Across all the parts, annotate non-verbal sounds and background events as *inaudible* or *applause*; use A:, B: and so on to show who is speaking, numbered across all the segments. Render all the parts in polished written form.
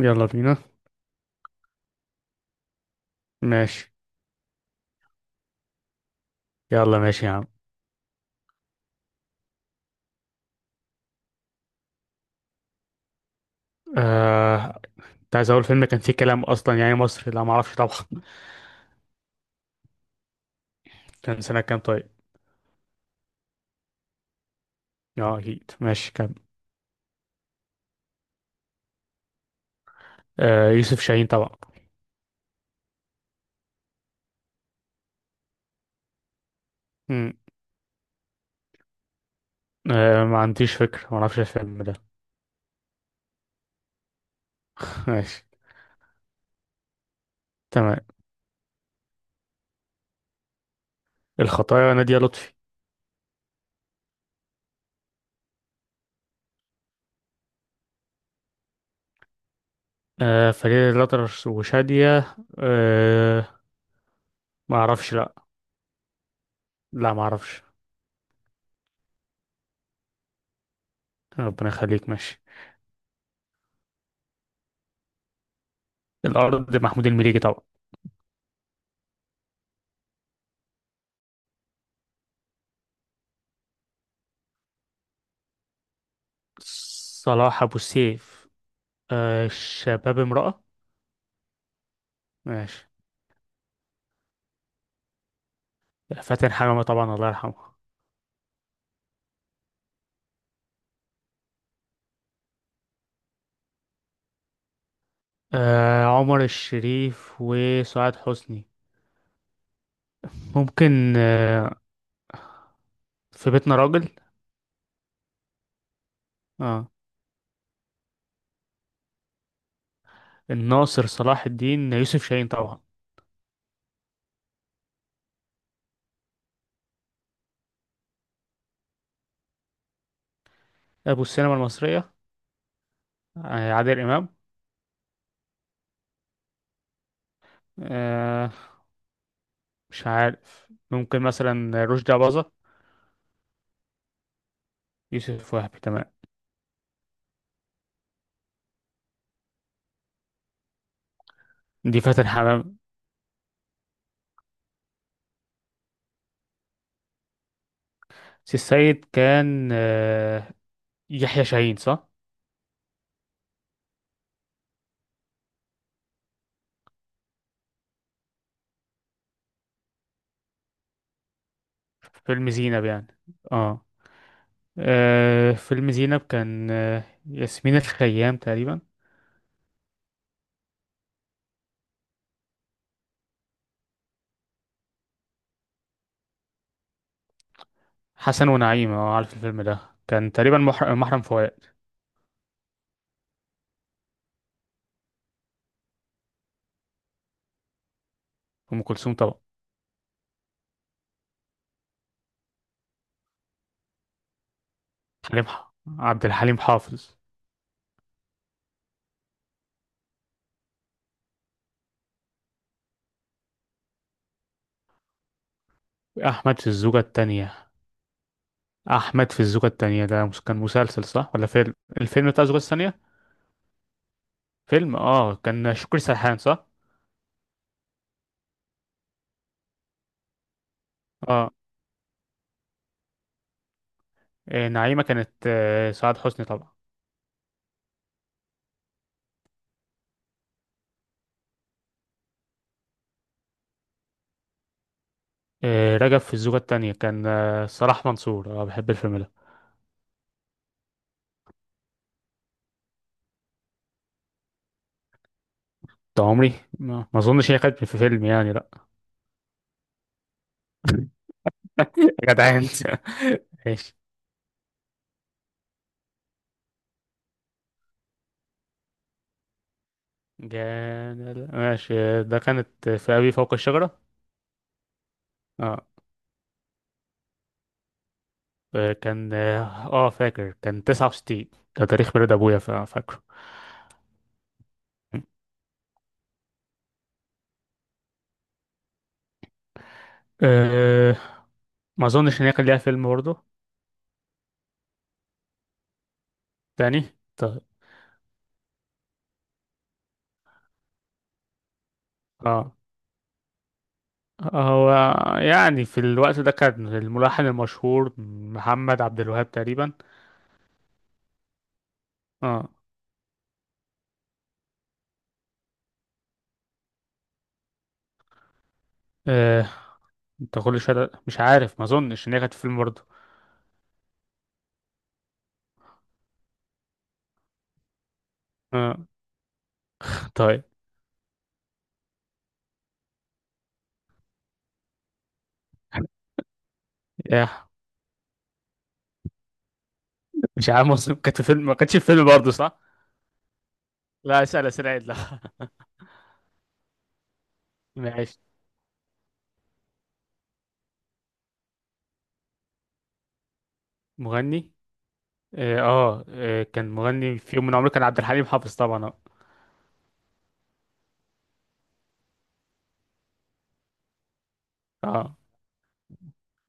A: يلا بينا. ماشي. يلا ماشي يا عم. آه... كنت عايز اقول فيلم كان فيه كلام اصلا، يعني مصري. لا، ما اعرفش طبعا. *laughs* كان سنة كام طيب؟ اه اكيد، ماشي كام؟ يوسف شاهين طبعا. مم. ما عنديش فكرة، ما اعرفش الفيلم ده. *laughs* ماشي. تمام. الخطايا، نادية لطفي. فريد الأطرش وشادية ما اعرفش لا. لا، ما اعرفش. ربنا يخليك، ماشي. الأرض، محمود المليجي طبعا. صلاح أبو السيف. شباب امرأة. ماشي. فاتن حمامة طبعا، الله يرحمه. عمر الشريف وسعاد حسني. ممكن في بيتنا راجل. اه. الناصر صلاح الدين، يوسف شاهين طبعا. ابو السينما المصرية. عادل امام. آه. مش عارف، ممكن مثلا رشدي أباظة. يوسف وهبي، تمام. دي فاتن حمامة. سي السيد كان يحيى شاهين، صح؟ في فيلم زينب يعني. اه. فيلم زينب كان ياسمين الخيام تقريبا. حسن ونعيم، اه، عارف الفيلم ده. كان تقريبا، محرم فؤاد. ام كلثوم طبعا. حليم ح- عبد الحليم حافظ. احمد في الزوجه الثانيه؟ احمد في الزوجه الثانيه، ده كان مسلسل صح ولا فيلم؟ الفيلم بتاع الزوجه الثانيه. فيلم، كان شكري سرحان، صح؟ اه. إيه، نعيمه كانت سعاد حسني طبعا. إيه، رجب في الزوجه الثانيه كان صلاح منصور. اه، بحب الفيلم ده. طول عمري، ما اظنش هي كانت في فيلم يعني، لا. *laughs* يا جدعان. *laughs* ماشي. جان، ماشي. ده كانت في أبي فوق الشجرة. اه، كان فاكر كان 69. ده تاريخ ميلاد أبويا، فاكره. آه ما أظنش إن هي كان ليها فيلم برضه. تاني. طيب. اه. هو، يعني في الوقت ده كان الملحن المشهور محمد عبد الوهاب تقريبا. اه. آه، انت كل شويه مش عارف، ما اظنش ان هي كانت في فيلم برضه. اه. طيب. *laughs* يا، مش عارف مصر كانت في فيلم ما كانتش في فيلم برضه صح؟ لا، اسال اسئله عدله. ماشي. مغني. اه، كان مغني في يوم من عمره، كان عبد الحليم حافظ طبعا، اه. آه.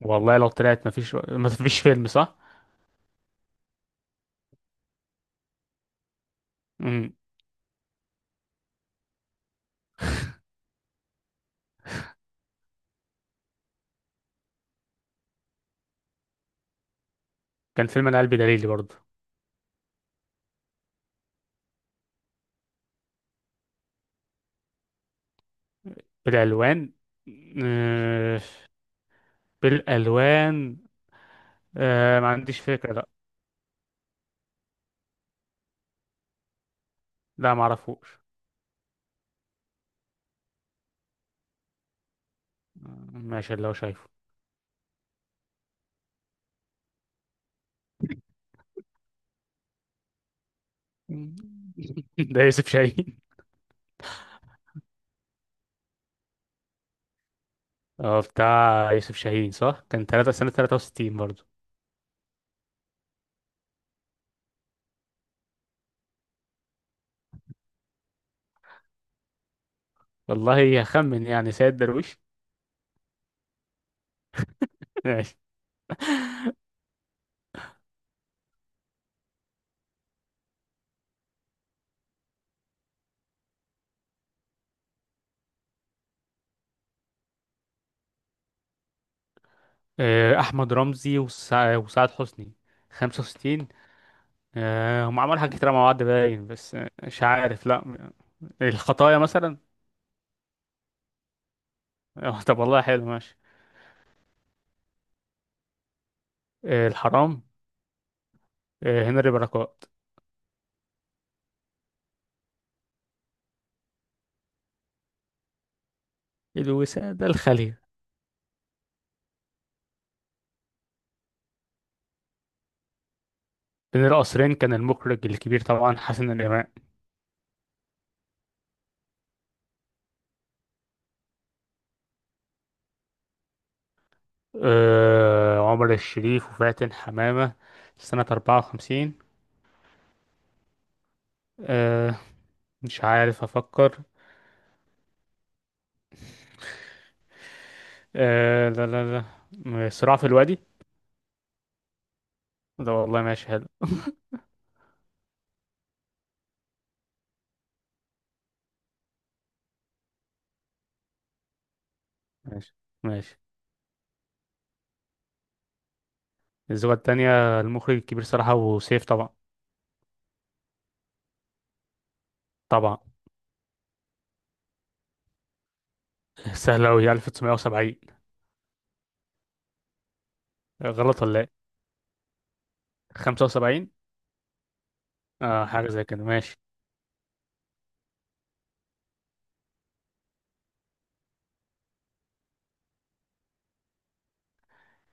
A: والله لو طلعت مفيش فيلم صح. مم. كان فيلم انا قلبي دليلي برضه. بالالوان. آه. بالالوان. آه، ما عنديش فكرة، لا. لا، ما اعرفوش. آه، ماشي، اللي هو شايفه. مم. *laughs* ده يوسف شاهين. اه، بتاع يوسف شاهين صح. كان تلاتة سنة 63 برضه. والله هخمن يعني، سيد درويش. *laughs* ماشي. احمد رمزي وسعاد حسني. 65. هم عملوا حاجات كتير مع بعض باين، بس مش عارف، لا. الخطايا مثلا. *laughs* طب والله حلو، ماشي. الحرام. هنري بركات. الوسادة الخالية. بين القصرين كان المخرج الكبير طبعا، حسن الإمام. عمر الشريف وفاتن حمامة سنة 54. آه، مش عارف، أفكر. آه، لا، لا. لا، صراع في الوادي. ده والله ماشي، حلو. ماشي. ماشي. الزوجة التانية، المخرج الكبير صراحة وسيف طبعا. طبعا. *laughs* سهلة أوي، 1970. غلط ولا إيه؟ 75. اه، حاجة زي كده، ماشي.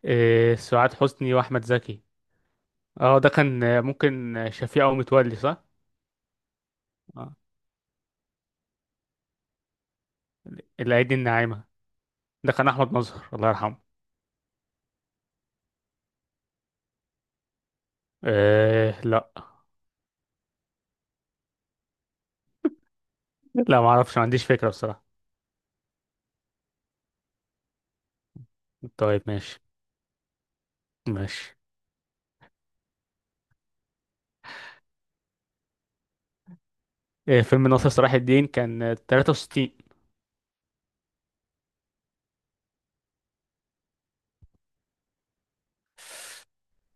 A: إيه، سعاد حسني وأحمد زكي. اه، ده كان ممكن شفيقة ومتولي صح؟ آه. الأيدي الناعمة. ده كان أحمد مظهر، الله يرحمه. إيه لا. لا، معرفش، ما عنديش فكرة بصراحة. طيب ماشي. ماشي. إيه، فيلم ناصر صلاح الدين كان 63.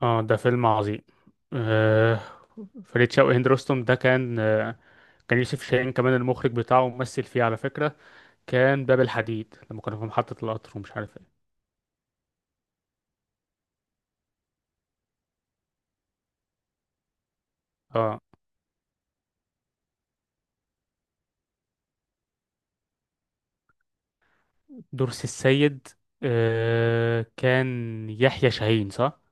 A: اه، ده فيلم عظيم. آه، فريد شوقي هند رستم ده كان. كان يوسف شاهين كمان المخرج بتاعه، ممثل فيه على فكرة. كان باب الحديد، لما كنا في محطة القطر، ومش عارف ايه. اه. دور السيد. آه، كان يحيى شاهين صح؟